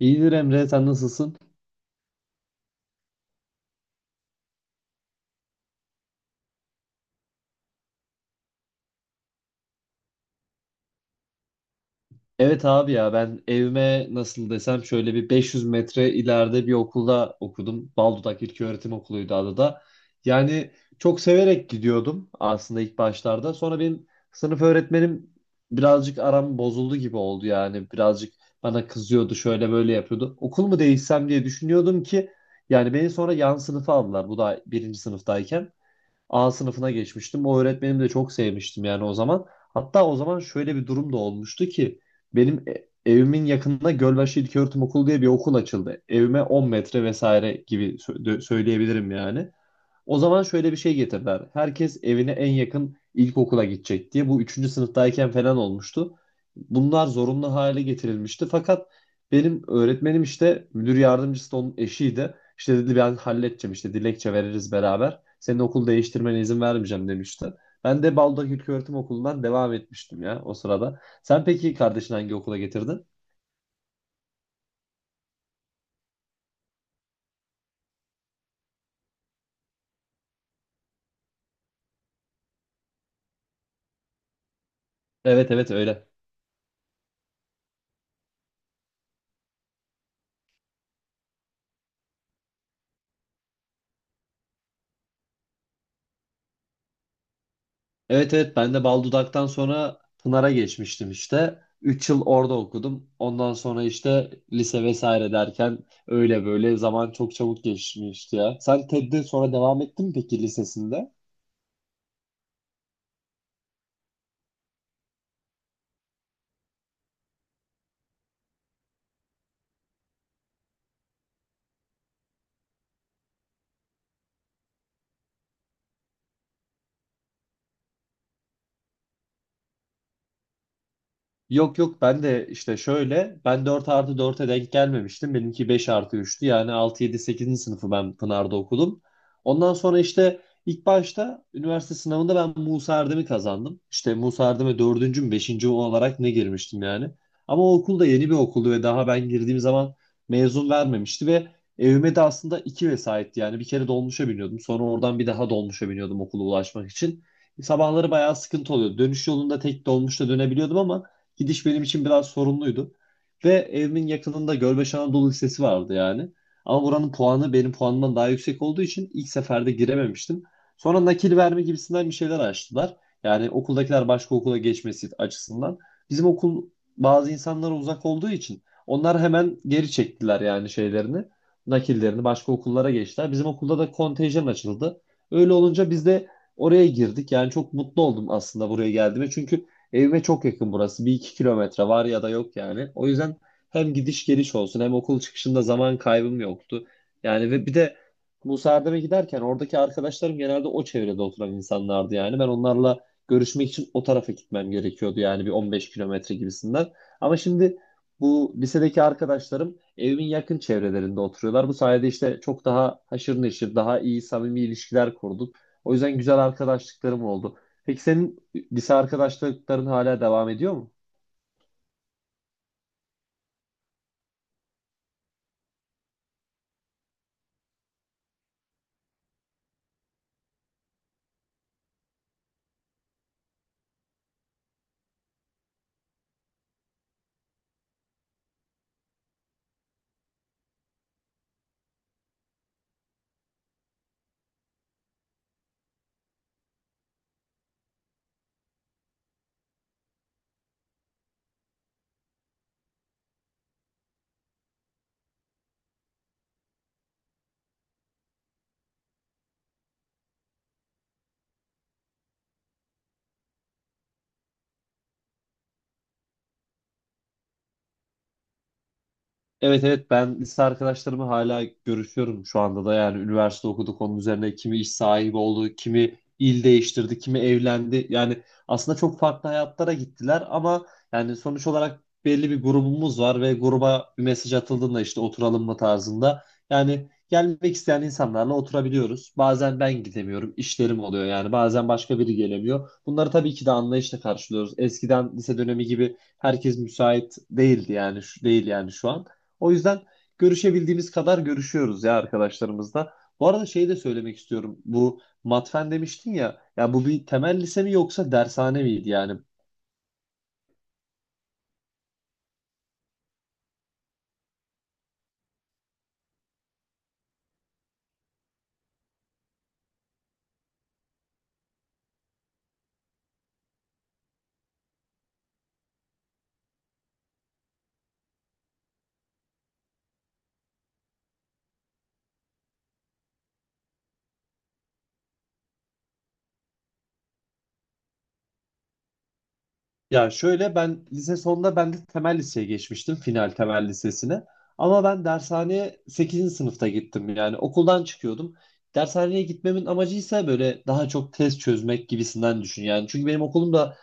İyidir Emre, sen nasılsın? Evet abi ya ben evime nasıl desem şöyle bir 500 metre ileride bir okulda okudum. Baldudak İlköğretim Okulu'ydu adı da. Yani çok severek gidiyordum aslında ilk başlarda. Sonra benim sınıf öğretmenim birazcık aram bozuldu gibi oldu yani. Birazcık bana kızıyordu, şöyle böyle yapıyordu. Okul mu değişsem diye düşünüyordum ki yani beni sonra yan sınıfa aldılar. Bu da birinci sınıftayken. A sınıfına geçmiştim. O öğretmenimi de çok sevmiştim yani o zaman. Hatta o zaman şöyle bir durum da olmuştu ki benim evimin yakınında Gölbaşı İlköğretim Okulu diye bir okul açıldı. Evime 10 metre vesaire gibi söyleyebilirim yani. O zaman şöyle bir şey getirdiler. Herkes evine en yakın ilkokula gidecek diye. Bu üçüncü sınıftayken falan olmuştu. Bunlar zorunlu hale getirilmişti. Fakat benim öğretmenim işte müdür yardımcısı da onun eşiydi. İşte dedi ben halledeceğim işte dilekçe veririz beraber. Senin okul değiştirmene izin vermeyeceğim demişti. Ben de Baldak İlköğretim Okulu'ndan devam etmiştim ya o sırada. Sen peki kardeşini hangi okula getirdin? Evet evet öyle. Evet evet ben de bal dudaktan sonra Pınar'a geçmiştim işte. 3 yıl orada okudum. Ondan sonra işte lise vesaire derken öyle böyle zaman çok çabuk geçmişti ya. Sen TED'de sonra devam ettin mi peki lisesinde? Yok yok ben de işte şöyle ben 4 artı 4'e denk gelmemiştim. Benimki 5 artı 3'tü yani 6 7 8. sınıfı ben Pınar'da okudum. Ondan sonra işte ilk başta üniversite sınavında ben Musa Erdem'i kazandım. İşte Musa Erdem'e 4. mü 5. olarak ne girmiştim yani. Ama o okul da yeni bir okuldu ve daha ben girdiğim zaman mezun vermemişti ve evime de aslında iki vesayetti yani bir kere dolmuşa biniyordum. Sonra oradan bir daha dolmuşa biniyordum okula ulaşmak için. Sabahları bayağı sıkıntı oluyordu. Dönüş yolunda tek dolmuşla dönebiliyordum, ama gidiş benim için biraz sorunluydu. Ve evimin yakınında Gölbaşı Anadolu Lisesi vardı yani. Ama buranın puanı benim puanımdan daha yüksek olduğu için ilk seferde girememiştim. Sonra nakil verme gibisinden bir şeyler açtılar. Yani okuldakiler başka okula geçmesi açısından. Bizim okul bazı insanlara uzak olduğu için onlar hemen geri çektiler yani şeylerini. Nakillerini başka okullara geçtiler. Bizim okulda da kontenjan açıldı. Öyle olunca biz de oraya girdik. Yani çok mutlu oldum aslında buraya geldiğime. Çünkü evime çok yakın burası. Bir iki kilometre var ya da yok yani. O yüzden hem gidiş geliş olsun hem okul çıkışında zaman kaybım yoktu. Yani ve bir de bu Serdem'e giderken oradaki arkadaşlarım genelde o çevrede oturan insanlardı yani. Ben onlarla görüşmek için o tarafa gitmem gerekiyordu yani bir 15 kilometre gibisinden. Ama şimdi bu lisedeki arkadaşlarım evimin yakın çevrelerinde oturuyorlar. Bu sayede işte çok daha haşır neşir, daha iyi samimi ilişkiler kurduk. O yüzden güzel arkadaşlıklarım oldu. Peki senin lise arkadaşlıkların hala devam ediyor mu? Evet evet ben lise arkadaşlarımı hala görüşüyorum şu anda da yani üniversite okuduk onun üzerine kimi iş sahibi oldu, kimi il değiştirdi, kimi evlendi. Yani aslında çok farklı hayatlara gittiler ama yani sonuç olarak belli bir grubumuz var ve gruba bir mesaj atıldığında işte oturalım mı tarzında. Yani gelmek isteyen insanlarla oturabiliyoruz. Bazen ben gidemiyorum, işlerim oluyor yani bazen başka biri gelemiyor. Bunları tabii ki de anlayışla karşılıyoruz. Eskiden lise dönemi gibi herkes müsait değildi yani şu değil yani şu an. O yüzden görüşebildiğimiz kadar görüşüyoruz ya arkadaşlarımızla. Bu arada şeyi de söylemek istiyorum. Bu matfen demiştin ya. Ya bu bir temel lise mi yoksa dershane miydi yani? Ya şöyle ben lise sonunda ben de temel liseye geçmiştim. Final temel lisesine. Ama ben dershaneye sekizinci sınıfta gittim. Yani okuldan çıkıyordum. Dershaneye gitmemin amacı ise böyle daha çok test çözmek gibisinden düşün. Yani çünkü benim okulumda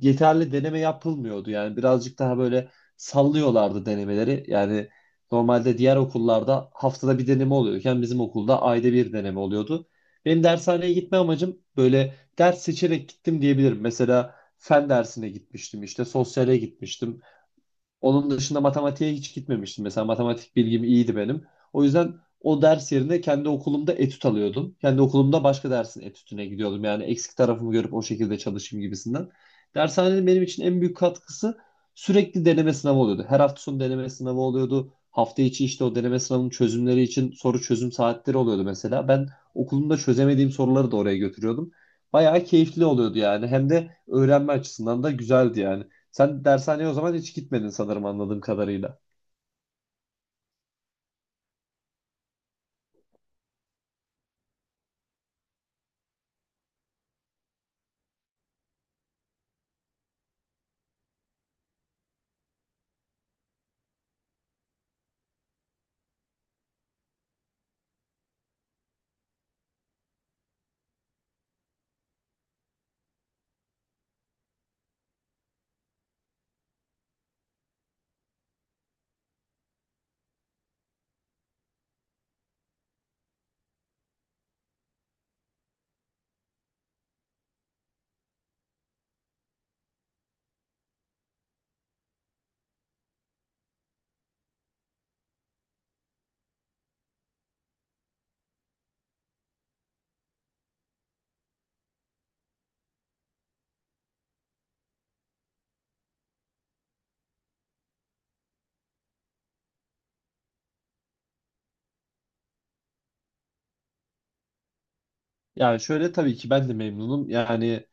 yeterli deneme yapılmıyordu. Yani birazcık daha böyle sallıyorlardı denemeleri. Yani normalde diğer okullarda haftada bir deneme oluyorken bizim okulda ayda bir deneme oluyordu. Benim dershaneye gitme amacım böyle ders seçerek gittim diyebilirim. Mesela fen dersine gitmiştim işte sosyale gitmiştim. Onun dışında matematiğe hiç gitmemiştim. Mesela matematik bilgim iyiydi benim. O yüzden o ders yerine kendi okulumda etüt alıyordum. Kendi okulumda başka dersin etütüne gidiyordum. Yani eksik tarafımı görüp o şekilde çalışayım gibisinden. Dershanenin benim için en büyük katkısı sürekli deneme sınavı oluyordu. Her hafta sonu deneme sınavı oluyordu. Hafta içi işte o deneme sınavının çözümleri için soru çözüm saatleri oluyordu mesela. Ben okulumda çözemediğim soruları da oraya götürüyordum. Bayağı keyifli oluyordu yani. Hem de öğrenme açısından da güzeldi yani. Sen dershaneye o zaman hiç gitmedin sanırım anladığım kadarıyla. Yani şöyle tabii ki ben de memnunum. Yani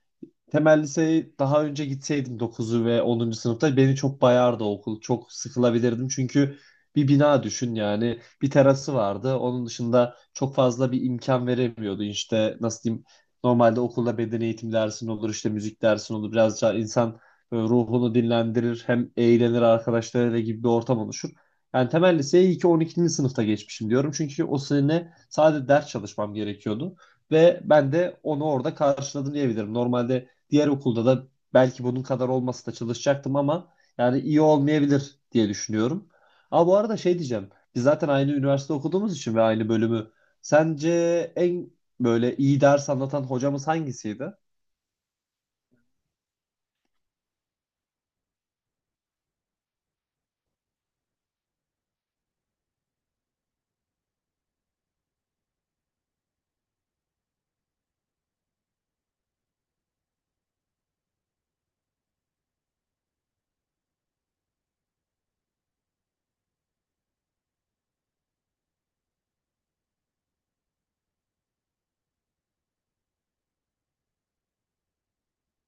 temel liseye daha önce gitseydim 9'u ve 10. sınıfta beni çok bayardı okul. Çok sıkılabilirdim çünkü bir bina düşün yani bir terası vardı. Onun dışında çok fazla bir imkan veremiyordu. İşte nasıl diyeyim normalde okulda beden eğitim dersin olur işte müzik dersin olur. Biraz daha insan böyle ruhunu dinlendirir hem eğlenir arkadaşlarıyla gibi bir ortam oluşur. Yani temel liseye iyi ki 12. sınıfta geçmişim diyorum. Çünkü o sene sadece ders çalışmam gerekiyordu. Ve ben de onu orada karşıladım diyebilirim. Normalde diğer okulda da belki bunun kadar olmasa da çalışacaktım ama yani iyi olmayabilir diye düşünüyorum. Ama bu arada şey diyeceğim. Biz zaten aynı üniversite okuduğumuz için ve aynı bölümü. Sence en böyle iyi ders anlatan hocamız hangisiydi?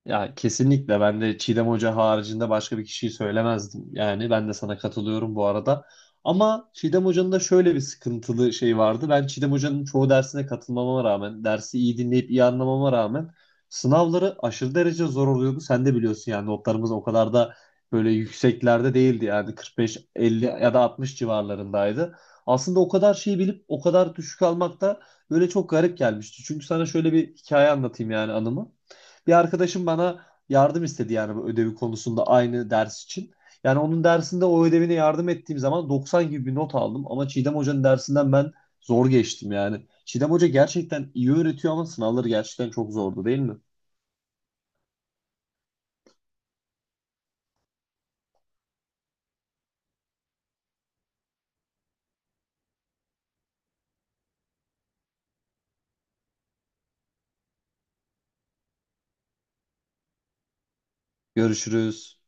Ya kesinlikle ben de Çiğdem Hoca haricinde başka bir kişiyi söylemezdim. Yani ben de sana katılıyorum bu arada. Ama Çiğdem Hoca'nın da şöyle bir sıkıntılı şey vardı. Ben Çiğdem Hoca'nın çoğu dersine katılmama rağmen, dersi iyi dinleyip iyi anlamama rağmen sınavları aşırı derece zor oluyordu. Sen de biliyorsun yani notlarımız o kadar da böyle yükseklerde değildi. Yani 45, 50 ya da 60 civarlarındaydı. Aslında o kadar şeyi bilip o kadar düşük almak da böyle çok garip gelmişti. Çünkü sana şöyle bir hikaye anlatayım yani anımı. Bir arkadaşım bana yardım istedi yani bu ödevi konusunda aynı ders için. Yani onun dersinde o ödevine yardım ettiğim zaman 90 gibi bir not aldım. Ama Çiğdem Hoca'nın dersinden ben zor geçtim yani. Çiğdem Hoca gerçekten iyi öğretiyor ama sınavları gerçekten çok zordu değil mi? Görüşürüz.